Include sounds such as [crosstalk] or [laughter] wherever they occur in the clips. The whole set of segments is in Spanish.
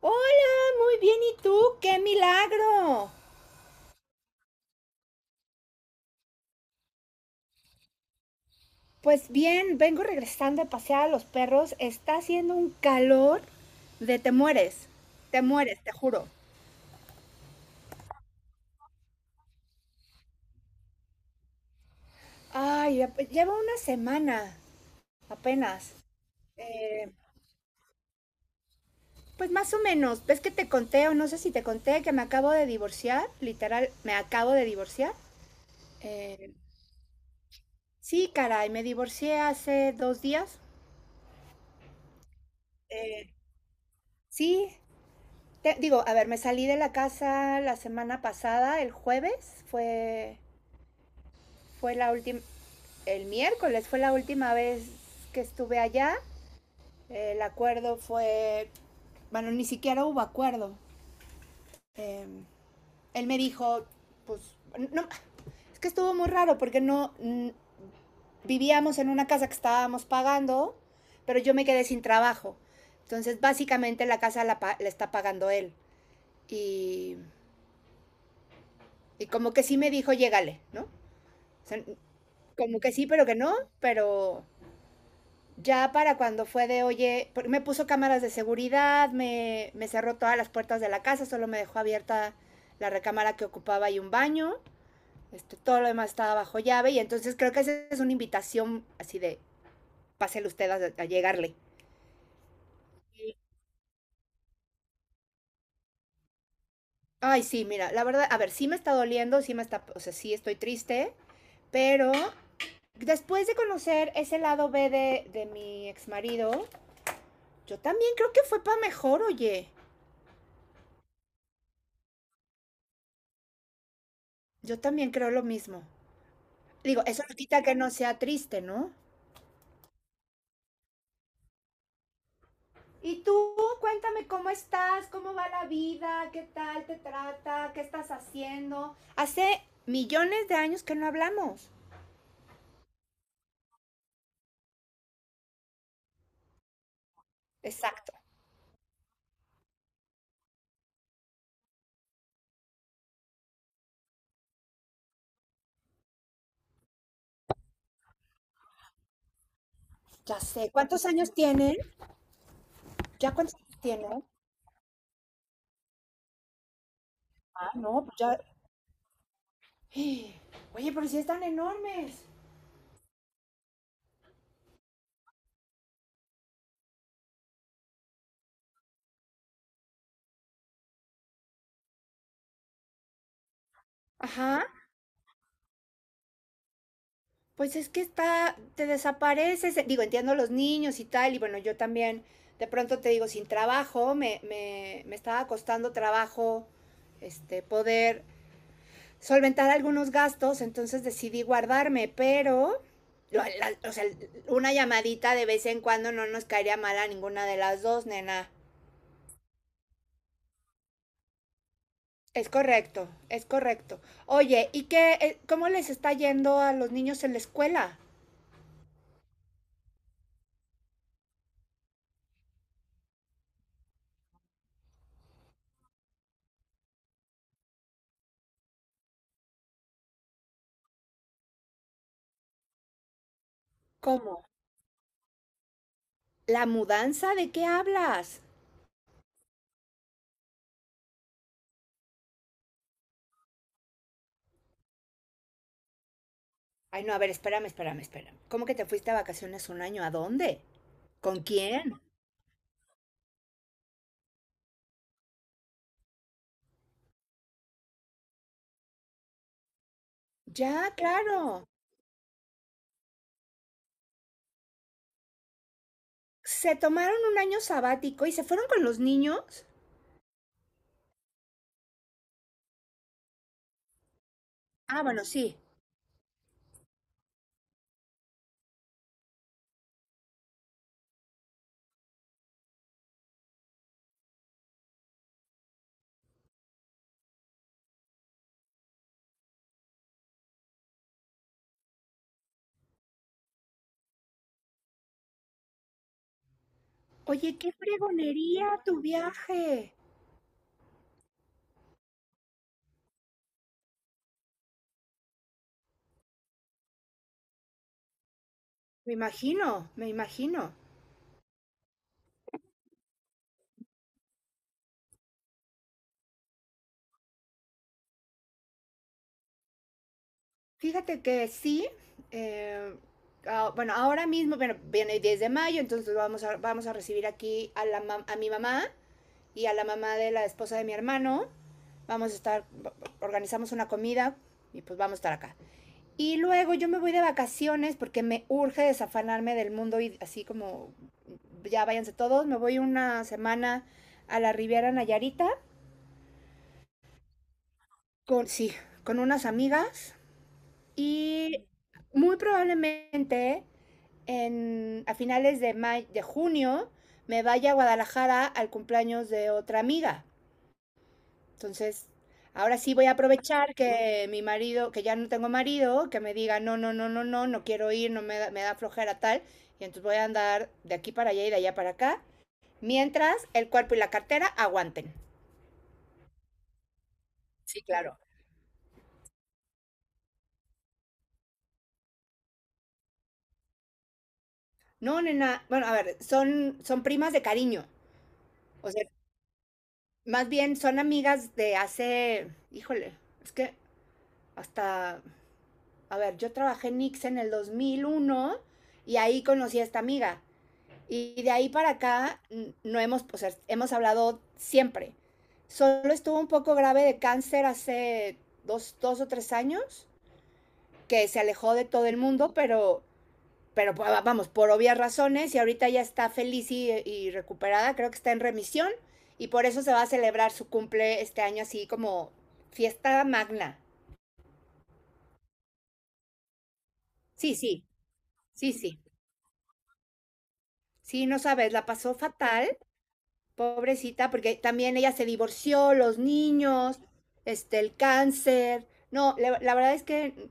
Hola, muy bien. ¿Y tú? ¡Qué milagro! Pues bien, vengo regresando a pasear a los perros. Está haciendo un calor de te mueres. Te mueres, te juro. Ay, lleva una semana apenas. Eh, pues más o menos. ¿Ves que te conté o no sé si te conté que me acabo de divorciar? Literal, me acabo de divorciar. Eh, sí, caray, me divorcié hace 2 días. Eh, sí, digo, a ver, me salí de la casa la semana pasada, el jueves, fue la última, el miércoles fue la última vez que estuve allá. El acuerdo fue, bueno, ni siquiera hubo acuerdo. Eh, él me dijo, pues, no, es que estuvo muy raro porque no vivíamos en una casa que estábamos pagando, pero yo me quedé sin trabajo. Entonces, básicamente la casa la está pagando él. Y, y como que sí me dijo, llégale, ¿no? O sea, como que sí, pero que no, pero ya para cuando fue de, oye, me puso cámaras de seguridad, me cerró todas las puertas de la casa, solo me dejó abierta la recámara que ocupaba y un baño, todo lo demás estaba bajo llave y entonces creo que esa es una invitación así de, pásele usted a llegarle. Ay, sí, mira, la verdad, a ver, sí me está doliendo, sí me está, o sea, sí estoy triste, pero después de conocer ese lado B de mi ex marido, yo también creo que fue para mejor, oye. Yo también creo lo mismo. Digo, eso no quita que no sea triste, ¿no? Y tú, cuéntame cómo estás, cómo va la vida, qué tal te trata, qué estás haciendo. Hace millones de años que no hablamos. Exacto. Ya sé. ¿Cuántos años tienen? ¿Ya cuántos años tienen? Ah, no, pues ya. [gasps] Oye, pero si sí están enormes. Ajá. Pues es que está, te desapareces, digo, entiendo los niños y tal, y bueno, yo también, de pronto te digo, sin trabajo, me estaba costando trabajo, poder solventar algunos gastos, entonces decidí guardarme, pero, o sea, una llamadita de vez en cuando no nos caería mal a ninguna de las dos, nena. Es correcto, es correcto. Oye, ¿y qué, cómo les está yendo a los niños en la escuela? ¿Cómo? ¿La mudanza? ¿De qué hablas? Ay, no, a ver, espérame, espérame, espérame. ¿Cómo que te fuiste a vacaciones un año? ¿A dónde? ¿Con quién? Ya, claro. Se tomaron un año sabático y se fueron con los niños. Ah, bueno, sí. Oye, qué fregonería tu viaje. Me imagino, me imagino. Fíjate que sí. eh, bueno, ahora mismo, bueno, viene el 10 de mayo, entonces vamos a recibir aquí a mi mamá y a la mamá de la esposa de mi hermano. Vamos a estar, organizamos una comida y pues vamos a estar acá. Y luego yo me voy de vacaciones porque me urge desafanarme del mundo y así como ya váyanse todos. Me voy una semana a la Riviera Nayarita con, sí, con unas amigas y muy probablemente a finales de junio me vaya a Guadalajara al cumpleaños de otra amiga. Entonces, ahora sí voy a aprovechar que mi marido, que ya no tengo marido, que me diga, no, no, no, no, no, no quiero ir, no me da, me da flojera tal. Y entonces voy a andar de aquí para allá y de allá para acá, mientras el cuerpo y la cartera aguanten. Sí, claro. No, nena, bueno, a ver, son primas de cariño. O sea, más bien son amigas de hace, híjole, es que hasta, a ver, yo trabajé en Nix en el 2001 y ahí conocí a esta amiga. Y de ahí para acá no hemos, o sea, hemos hablado siempre. Solo estuvo un poco grave de cáncer hace dos o tres años, que se alejó de todo el mundo, pero, vamos, por obvias razones, y ahorita ya está feliz y recuperada, creo que está en remisión, y por eso se va a celebrar su cumple este año así como fiesta magna. Sí, sí, sí, sí. Sí, no sabes, la pasó fatal. Pobrecita, porque también ella se divorció, los niños, el cáncer. No, la verdad es que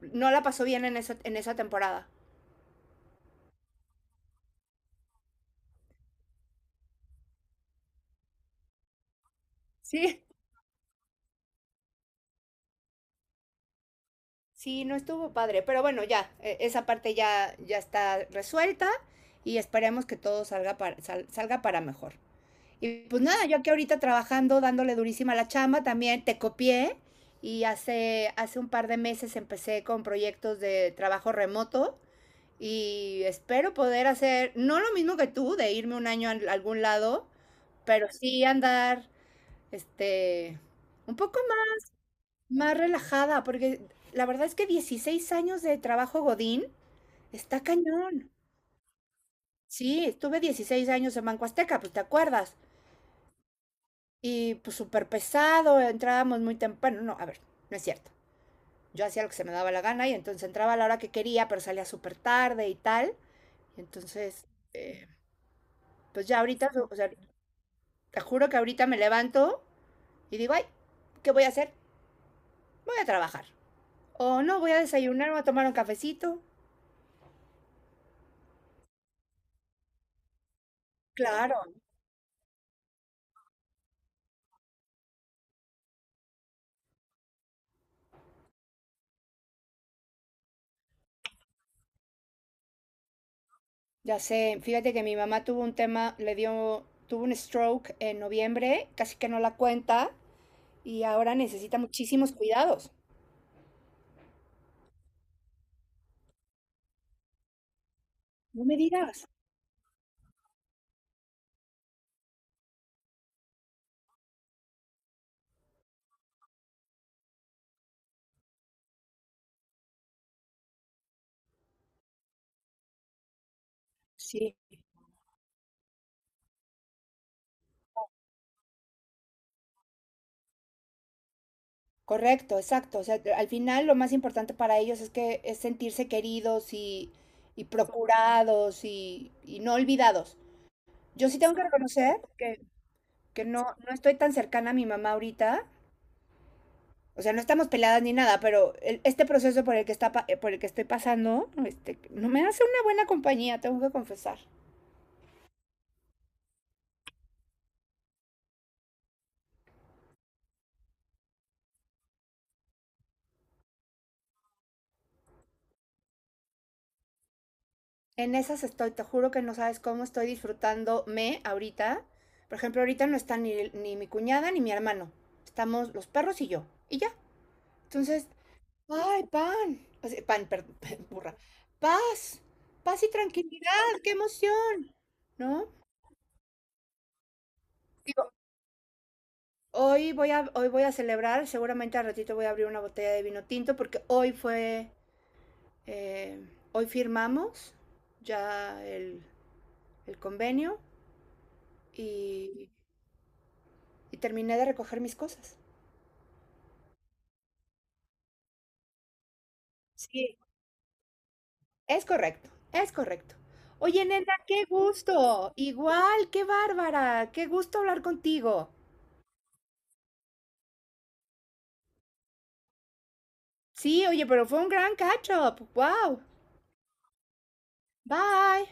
no la pasó bien en esa temporada. Sí. Sí, no estuvo padre, pero bueno, ya, esa parte ya está resuelta y esperemos que todo salga salga para mejor. Y pues nada, yo aquí ahorita trabajando, dándole durísima a la chamba, también te copié y hace un par de meses empecé con proyectos de trabajo remoto. Y espero poder hacer, no lo mismo que tú, de irme un año a algún lado, pero sí andar, este, un poco más, más relajada, porque la verdad es que 16 años de trabajo Godín está cañón. Sí, estuve 16 años en Banco Azteca, pues te acuerdas. Y pues súper pesado, entrábamos muy temprano. No, a ver, no es cierto. Yo hacía lo que se me daba la gana y entonces entraba a la hora que quería, pero salía súper tarde y tal. Entonces, eh, pues ya ahorita, o sea, te juro que ahorita me levanto y digo, ay, ¿qué voy a hacer? Voy a trabajar. O no, voy a desayunar, voy a tomar un cafecito. Claro, ya sé. Fíjate que mi mamá tuvo un tema, le dio, tuvo un stroke en noviembre, casi que no la cuenta y ahora necesita muchísimos cuidados. No me digas. Sí, correcto, exacto. O sea, al final lo más importante para ellos es que es sentirse queridos y procurados y no olvidados. Yo sí tengo que reconocer que no, no estoy tan cercana a mi mamá ahorita. O sea, no estamos peladas ni nada, pero este proceso por el que está pa- por el que estoy pasando, no me hace una buena compañía, tengo que confesar. En esas estoy, te juro que no sabes cómo estoy disfrutándome ahorita. Por ejemplo, ahorita no están ni mi cuñada ni mi hermano. Estamos los perros y yo. Y ya. Entonces, ay, pan. O sea, pan, perdón, [laughs] burra. Paz. Paz y tranquilidad. ¡Qué emoción! ¿No? Hoy voy a celebrar, seguramente al ratito voy a abrir una botella de vino tinto porque hoy firmamos ya el convenio y, y terminé de recoger mis cosas. Sí, es correcto, es correcto. Oye, nena, qué gusto. Igual, qué bárbara. Qué gusto hablar contigo. Sí, oye, pero fue un gran catch up. Wow. Bye.